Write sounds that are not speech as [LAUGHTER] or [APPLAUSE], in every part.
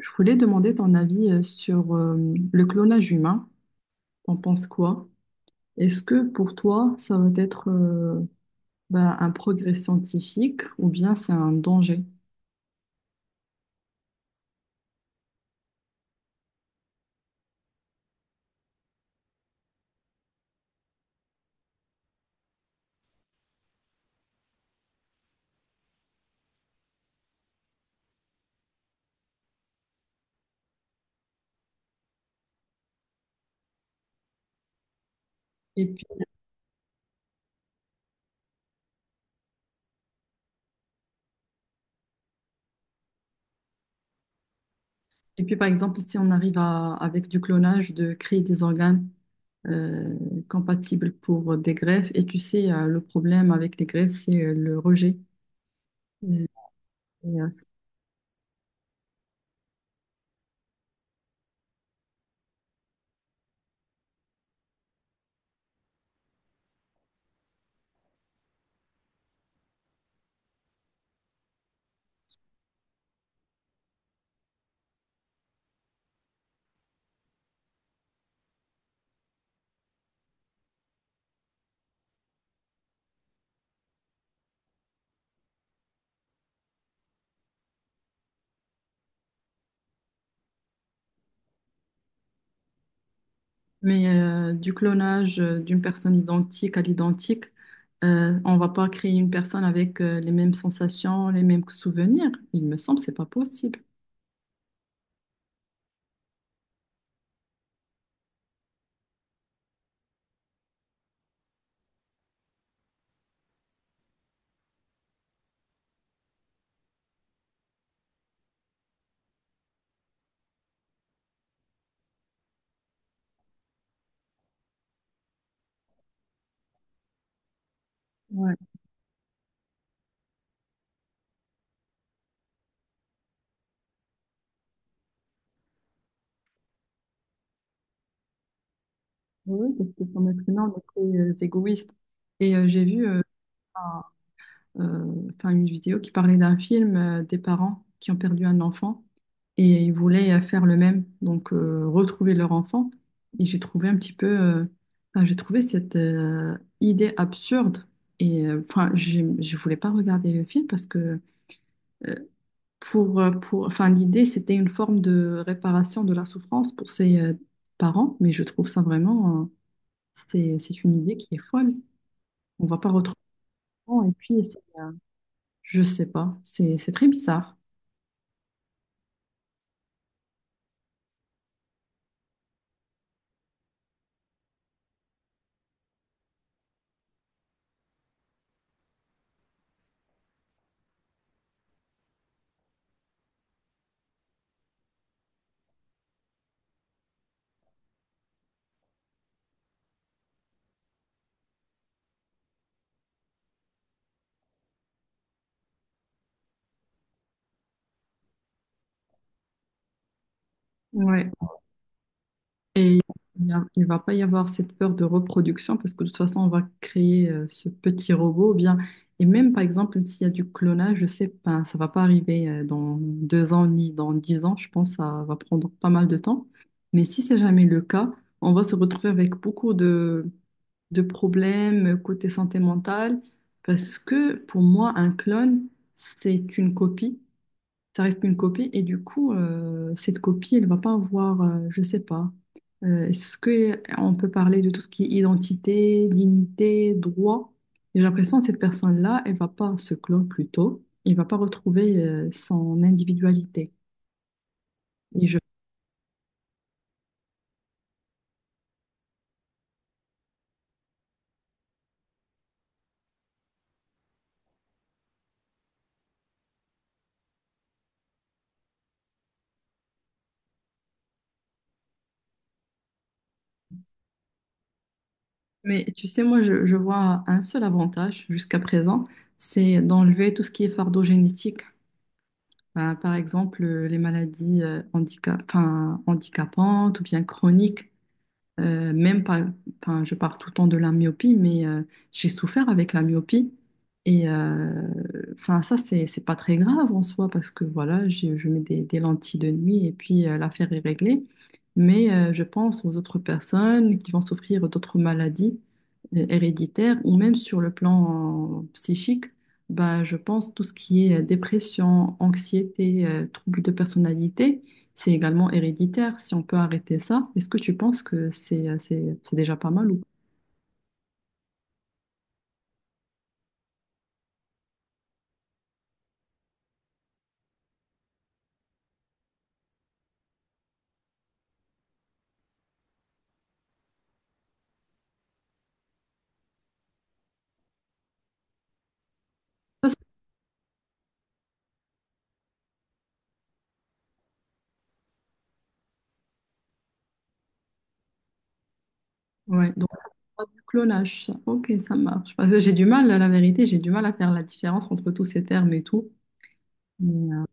Je voulais demander ton avis sur le clonage humain. T'en penses quoi? Est-ce que pour toi, ça va être un progrès scientifique ou bien c'est un danger? Et puis, et puis, par exemple, si on arrive à, avec du clonage, de créer des organes euh, compatibles pour des greffes, et tu sais, le problème avec les greffes, c'est le rejet. Et, et, euh, Mais du clonage d'une personne identique à l'identique, on va pas créer une personne avec les mêmes sensations, les mêmes souvenirs. Il me semble, c'est pas possible. Ouais. Oui, parce que comme être humain, on est très égoïste. Et j'ai vu enfin une vidéo qui parlait d'un film des parents qui ont perdu un enfant et ils voulaient faire le même, donc retrouver leur enfant. Et j'ai trouvé un petit peu, enfin, j'ai trouvé cette idée absurde. Et enfin, je voulais pas regarder le film parce que euh, pour, enfin, l'idée c'était une forme de réparation de la souffrance pour ses parents, mais je trouve ça vraiment, c'est une idée qui est folle. On va pas retrouver. Et puis, je sais pas, c'est très bizarre. Ouais. Et il va pas y avoir cette peur de reproduction parce que de toute façon, on va créer ce petit robot. Ou bien. Et même, par exemple, s'il y a du clonage, je sais pas, ça va pas arriver dans deux ans ni dans dix ans. Je pense que ça va prendre pas mal de temps. Mais si c'est jamais le cas, on va se retrouver avec beaucoup de problèmes côté santé mentale parce que pour moi, un clone, c'est une copie, ça reste une copie et du coup, cette copie, elle va pas avoir, je sais pas, est-ce que on peut parler de tout ce qui est identité, dignité, droit? J'ai l'impression que cette personne-là, elle va pas se clore plus tôt, elle va pas retrouver son individualité. Et je... Mais tu sais, moi, je vois un seul avantage jusqu'à présent, c'est d'enlever tout ce qui est fardeau génétique. Ben, par exemple, les maladies handicap... enfin, handicapantes ou bien chroniques. Même pas, enfin, je parle tout le temps de la myopie, mais j'ai souffert avec la myopie. Et enfin, ça, c'est pas très grave en soi parce que voilà, je mets des lentilles de nuit et puis l'affaire est réglée. Mais je pense aux autres personnes qui vont souffrir d'autres maladies héréditaires ou même sur le plan psychique. Bah, je pense tout ce qui est dépression, anxiété, troubles de personnalité, c'est également héréditaire. Si on peut arrêter ça, est-ce que tu penses que c'est c'est déjà pas mal ou ça, c'est- ouais, donc pas du clonage, ça. Ok, ça marche. Parce que j'ai du mal, la vérité, j'ai du mal à faire la différence entre tous ces termes et tout. Mais,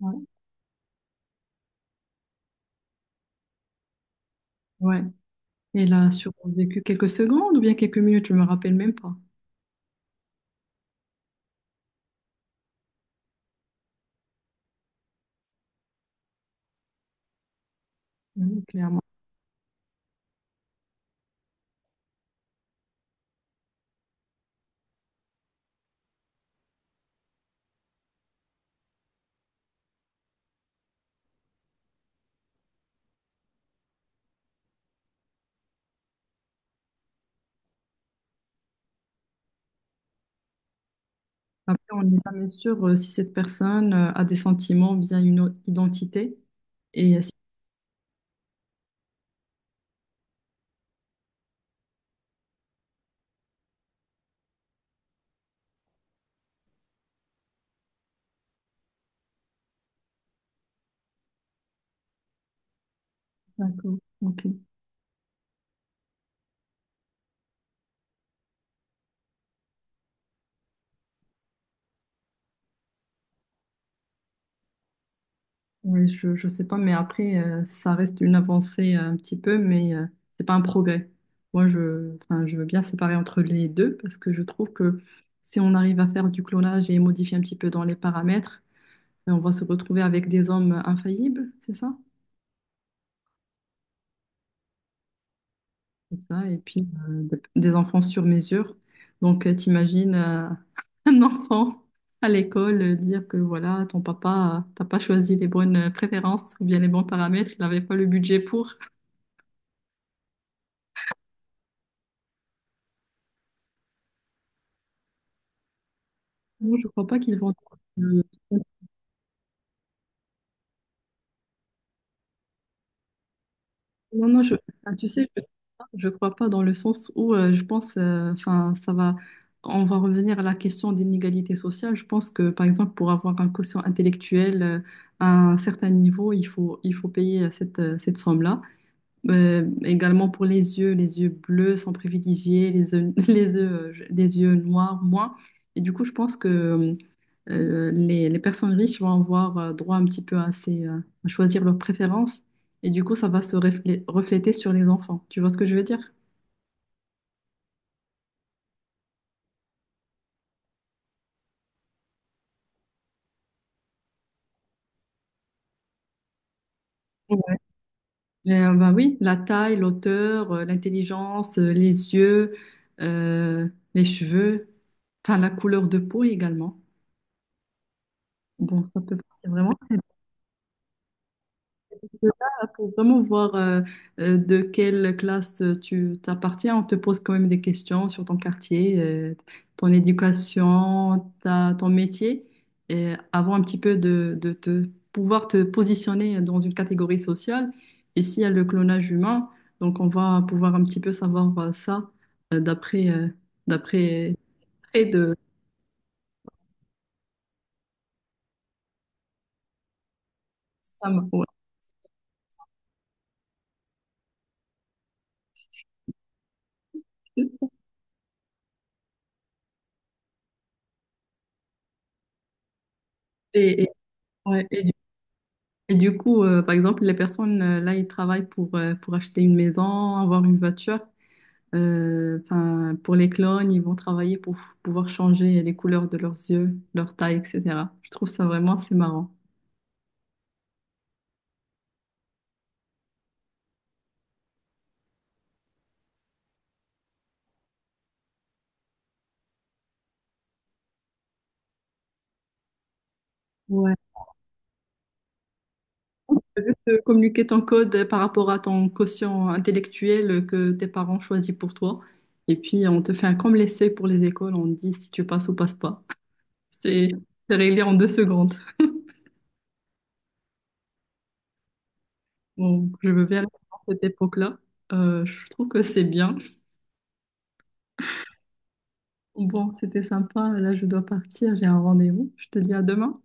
ouais. Ouais. Et là, survécu quelques secondes ou bien quelques minutes, je me rappelle même pas. Oui, clairement. Après, on n'est jamais sûr si cette personne a des sentiments, bien une autre identité. Et D'accord. Ok. Oui, je sais pas, mais après, ça reste une avancée un petit peu, mais c'est pas un progrès. Moi, je, enfin, je veux bien séparer entre les deux parce que je trouve que si on arrive à faire du clonage et modifier un petit peu dans les paramètres, ben, on va se retrouver avec des hommes infaillibles, c'est ça? C'est ça, et puis des enfants sur mesure. Donc, t'imagines [LAUGHS] un enfant à l'école dire que voilà, ton papa, t'as pas choisi les bonnes préférences ou bien les bons paramètres, il n'avait pas le budget pour. Non, je crois pas qu'ils vont. Euh, Non, non, je, enfin, tu sais, je crois pas dans le sens où je pense, enfin, ça va, on va revenir à la question d'inégalité sociale. Je pense que, par exemple, pour avoir un quotient intellectuel à un certain niveau, il faut payer cette somme-là. Également pour les yeux bleus sont privilégiés, [LAUGHS] les yeux noirs moins. Et du coup, je pense que les personnes riches vont avoir droit un petit peu à choisir leurs préférences et du coup, ça va se refléter sur les enfants. Tu vois ce que je veux dire? Ouais. Bah oui, la taille, l'auteur, l'intelligence, les yeux, euh, les cheveux, enfin la couleur de peau également. Bon, ça peut partir vraiment. Là, pour vraiment voir de quelle classe tu t'appartiens, on te pose quand même des questions sur ton quartier, ton éducation, ton métier, et avant un petit peu de te pouvoir te positionner dans une catégorie sociale. Et s'il y a le clonage humain, donc on va pouvoir un petit peu savoir ça euh, d'après euh, d'après trait de Sam. Ouais. Et, et- ouais, et du coup, par exemple, les personnes, là, ils travaillent pour acheter une maison, avoir une voiture. Enfin, pour les clones, ils vont travailler pour pouvoir changer les couleurs de leurs yeux, leur taille, etc. Je trouve ça vraiment assez marrant. Ouais. T'as vu communiquer ton code par rapport à ton quotient intellectuel que tes parents choisissent pour toi. Et puis, on te fait un comme les seuils pour les écoles, on te dit si tu passes ou passes pas. [LAUGHS] C'est c'est réglé en deux secondes. Bon, je veux bien aller à cette époque-là. Je trouve que c'est bien. Bon, c'était sympa. Là, je dois partir. J'ai un rendez-vous. Je te dis à demain.